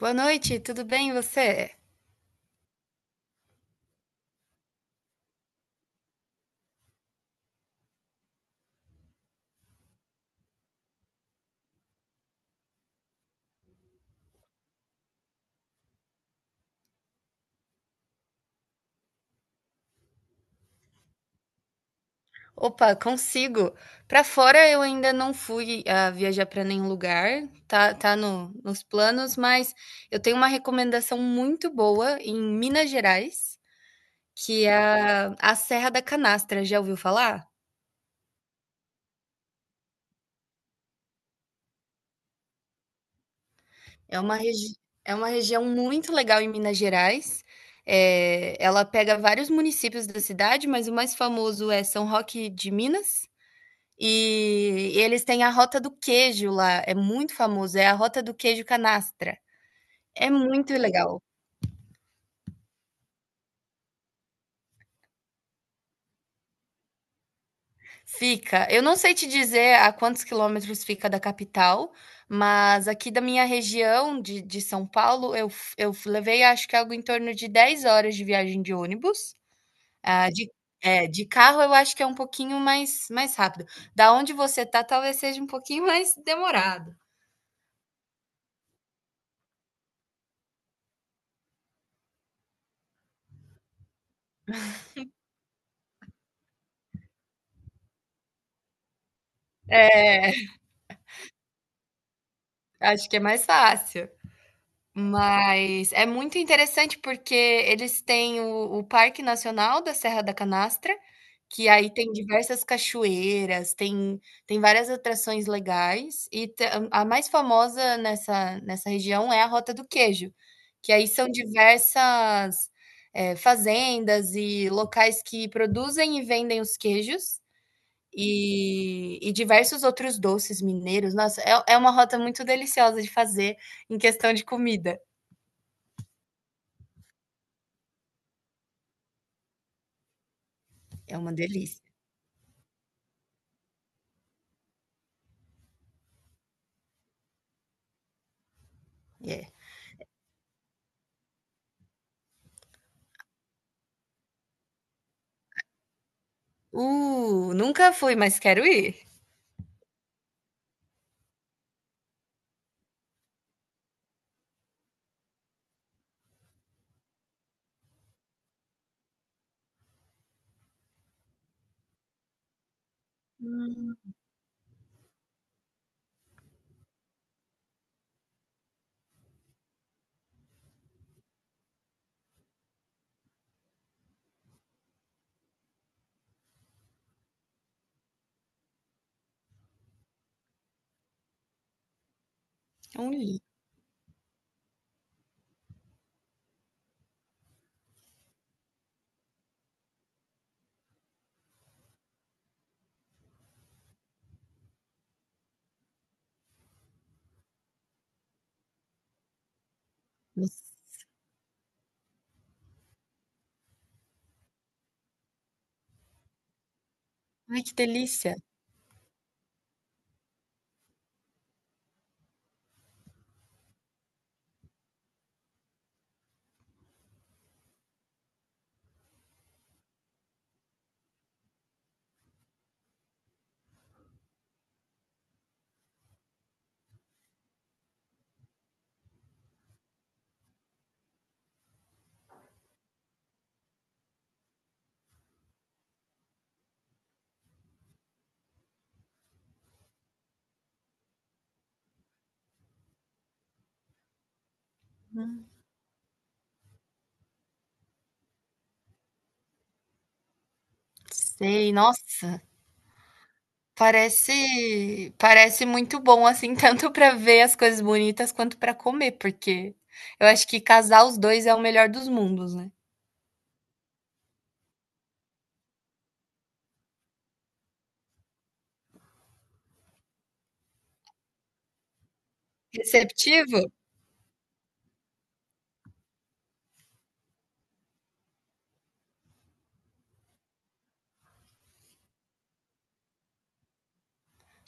Boa noite, tudo bem e você? Opa, consigo. Pra fora eu ainda não fui a viajar pra nenhum lugar, tá, tá no, nos planos, mas eu tenho uma recomendação muito boa em Minas Gerais, que é a Serra da Canastra. Já ouviu falar? É uma, regi É uma região muito legal em Minas Gerais. É, ela pega vários municípios da cidade, mas o mais famoso é São Roque de Minas. E eles têm a rota do queijo lá, é muito famoso, é a rota do queijo canastra. É muito legal. Fica, eu não sei te dizer a quantos quilômetros fica da capital, mas aqui da minha região de São Paulo, eu f levei acho que algo em torno de 10 horas de viagem de ônibus, ah, de é, de carro eu acho que é um pouquinho mais rápido. Da onde você tá, talvez seja um pouquinho mais demorado. É, acho que é mais fácil. Mas é muito interessante, porque eles têm o Parque Nacional da Serra da Canastra, que aí tem diversas cachoeiras, tem várias atrações legais e te a mais famosa nessa região é a Rota do Queijo, que aí são diversas, fazendas e locais que produzem e vendem os queijos, e diversos outros doces mineiros. Nossa, é uma rota muito deliciosa de fazer em questão de comida. É uma delícia, é. Nunca fui, mas quero ir. Hum. É um li Ai, que delícia. Não sei, nossa, parece muito bom, assim, tanto para ver as coisas bonitas quanto para comer, porque eu acho que casar os 2 é o melhor dos mundos, né. Receptivo?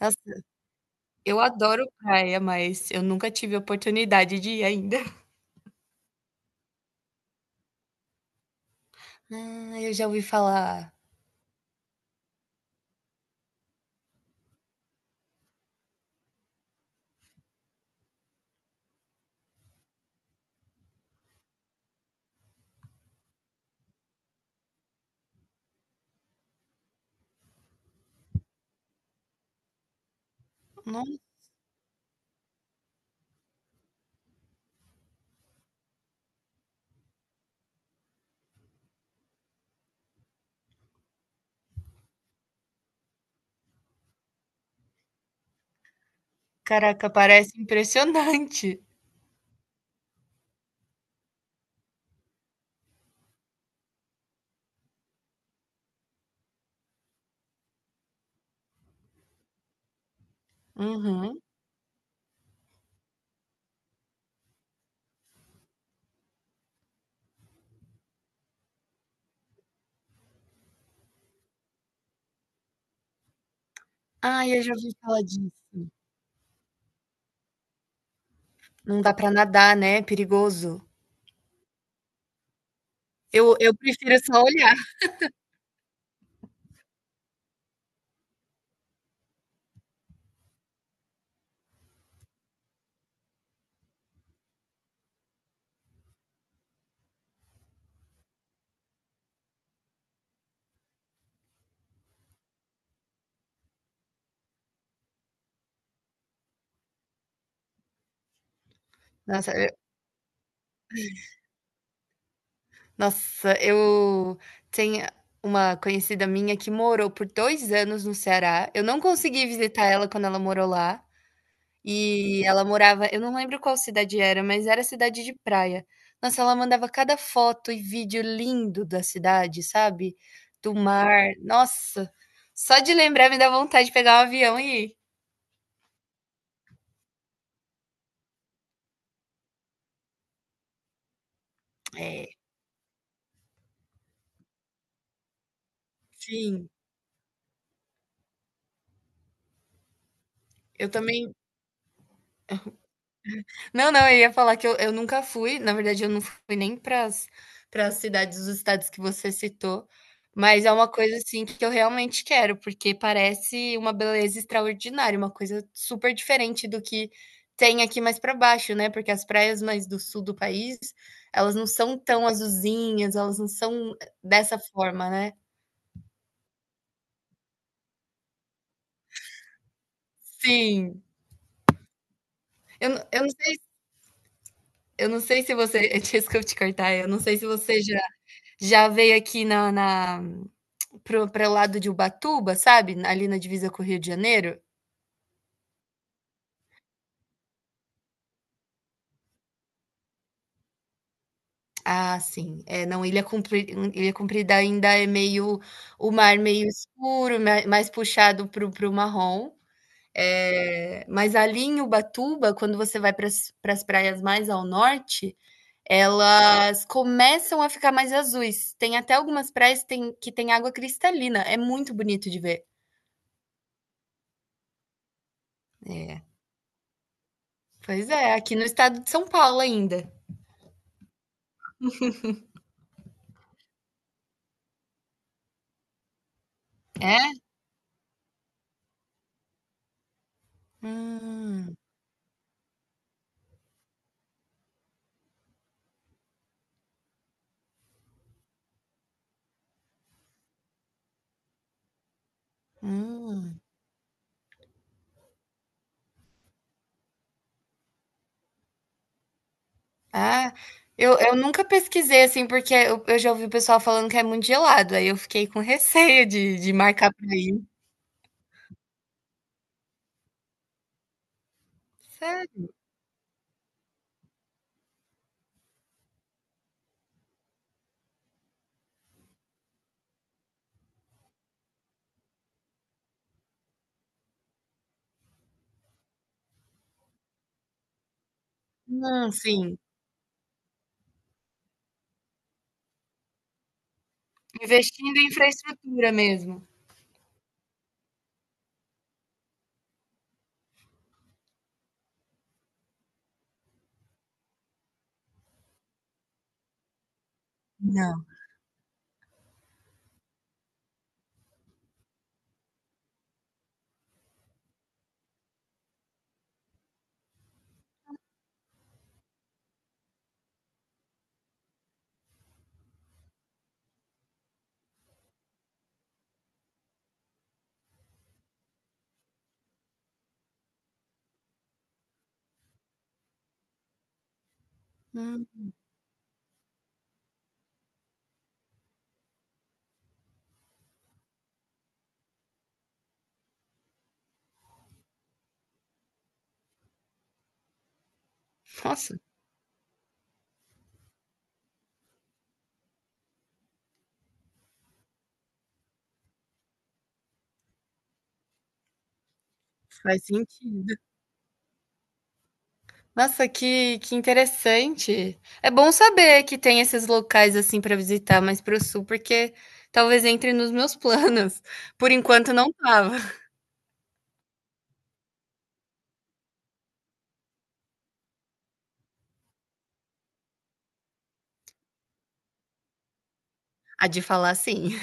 Nossa, eu adoro praia, mas eu nunca tive oportunidade de ir ainda. Ah, eu já ouvi falar. Nossa. Caraca, parece impressionante. Uhum. Ah, eu já ouvi falar disso. Não dá pra nadar, né, é perigoso. Eu prefiro só olhar. Nossa, eu tenho uma conhecida minha que morou por 2 anos no Ceará, eu não consegui visitar ela quando ela morou lá, e ela morava, eu não lembro qual cidade era, mas era cidade de praia. Nossa, ela mandava cada foto e vídeo lindo da cidade, sabe, do mar. Nossa, só de lembrar me dá vontade de pegar um avião e ir. É, sim, eu também. Não, não, eu ia falar que eu nunca fui, na verdade, eu não fui nem para as cidades dos estados que você citou, mas é uma coisa assim que eu realmente quero, porque parece uma beleza extraordinária, uma coisa super diferente do que tem aqui mais para baixo, né? Porque as praias mais do sul do país, elas não são tão azulzinhas, elas não são dessa forma, né? Sim. Não sei, eu não sei se você. Desculpa te cortar, eu não sei se você já, já veio aqui na para o lado de Ubatuba, sabe? Ali na divisa com o Rio de Janeiro. Ah, sim. É, não, Ilha Comprida, Ilha Comprida ainda é meio o mar meio escuro, mais puxado para o marrom. É, mas ali em Ubatuba, quando você vai para as praias mais ao norte, elas começam a ficar mais azuis. Tem até algumas praias que tem água cristalina. É muito bonito de ver. É. Pois é, aqui no estado de São Paulo ainda. É? Hum, hum. Ah, eu nunca pesquisei, assim, porque eu já ouvi o pessoal falando que é muito gelado, aí eu fiquei com receio de marcar pra ir. Sério? Não, sim. Investindo em infraestrutura mesmo. Não. Hum. Nossa, faz sentido. Nossa, que interessante. É bom saber que tem esses locais, assim, para visitar mais para o sul, porque talvez entre nos meus planos. Por enquanto não estava. A de falar sim,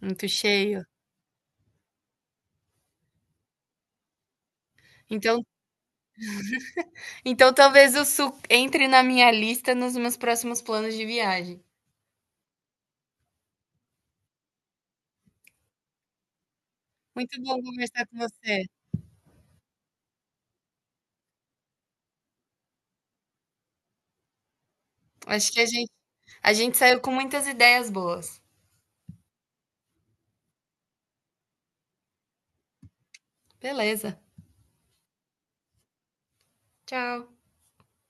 muito cheio. Então, então talvez o sul entre na minha lista nos meus próximos planos de viagem. Muito bom conversar com você. Acho que a gente saiu com muitas ideias boas. Beleza, tchau.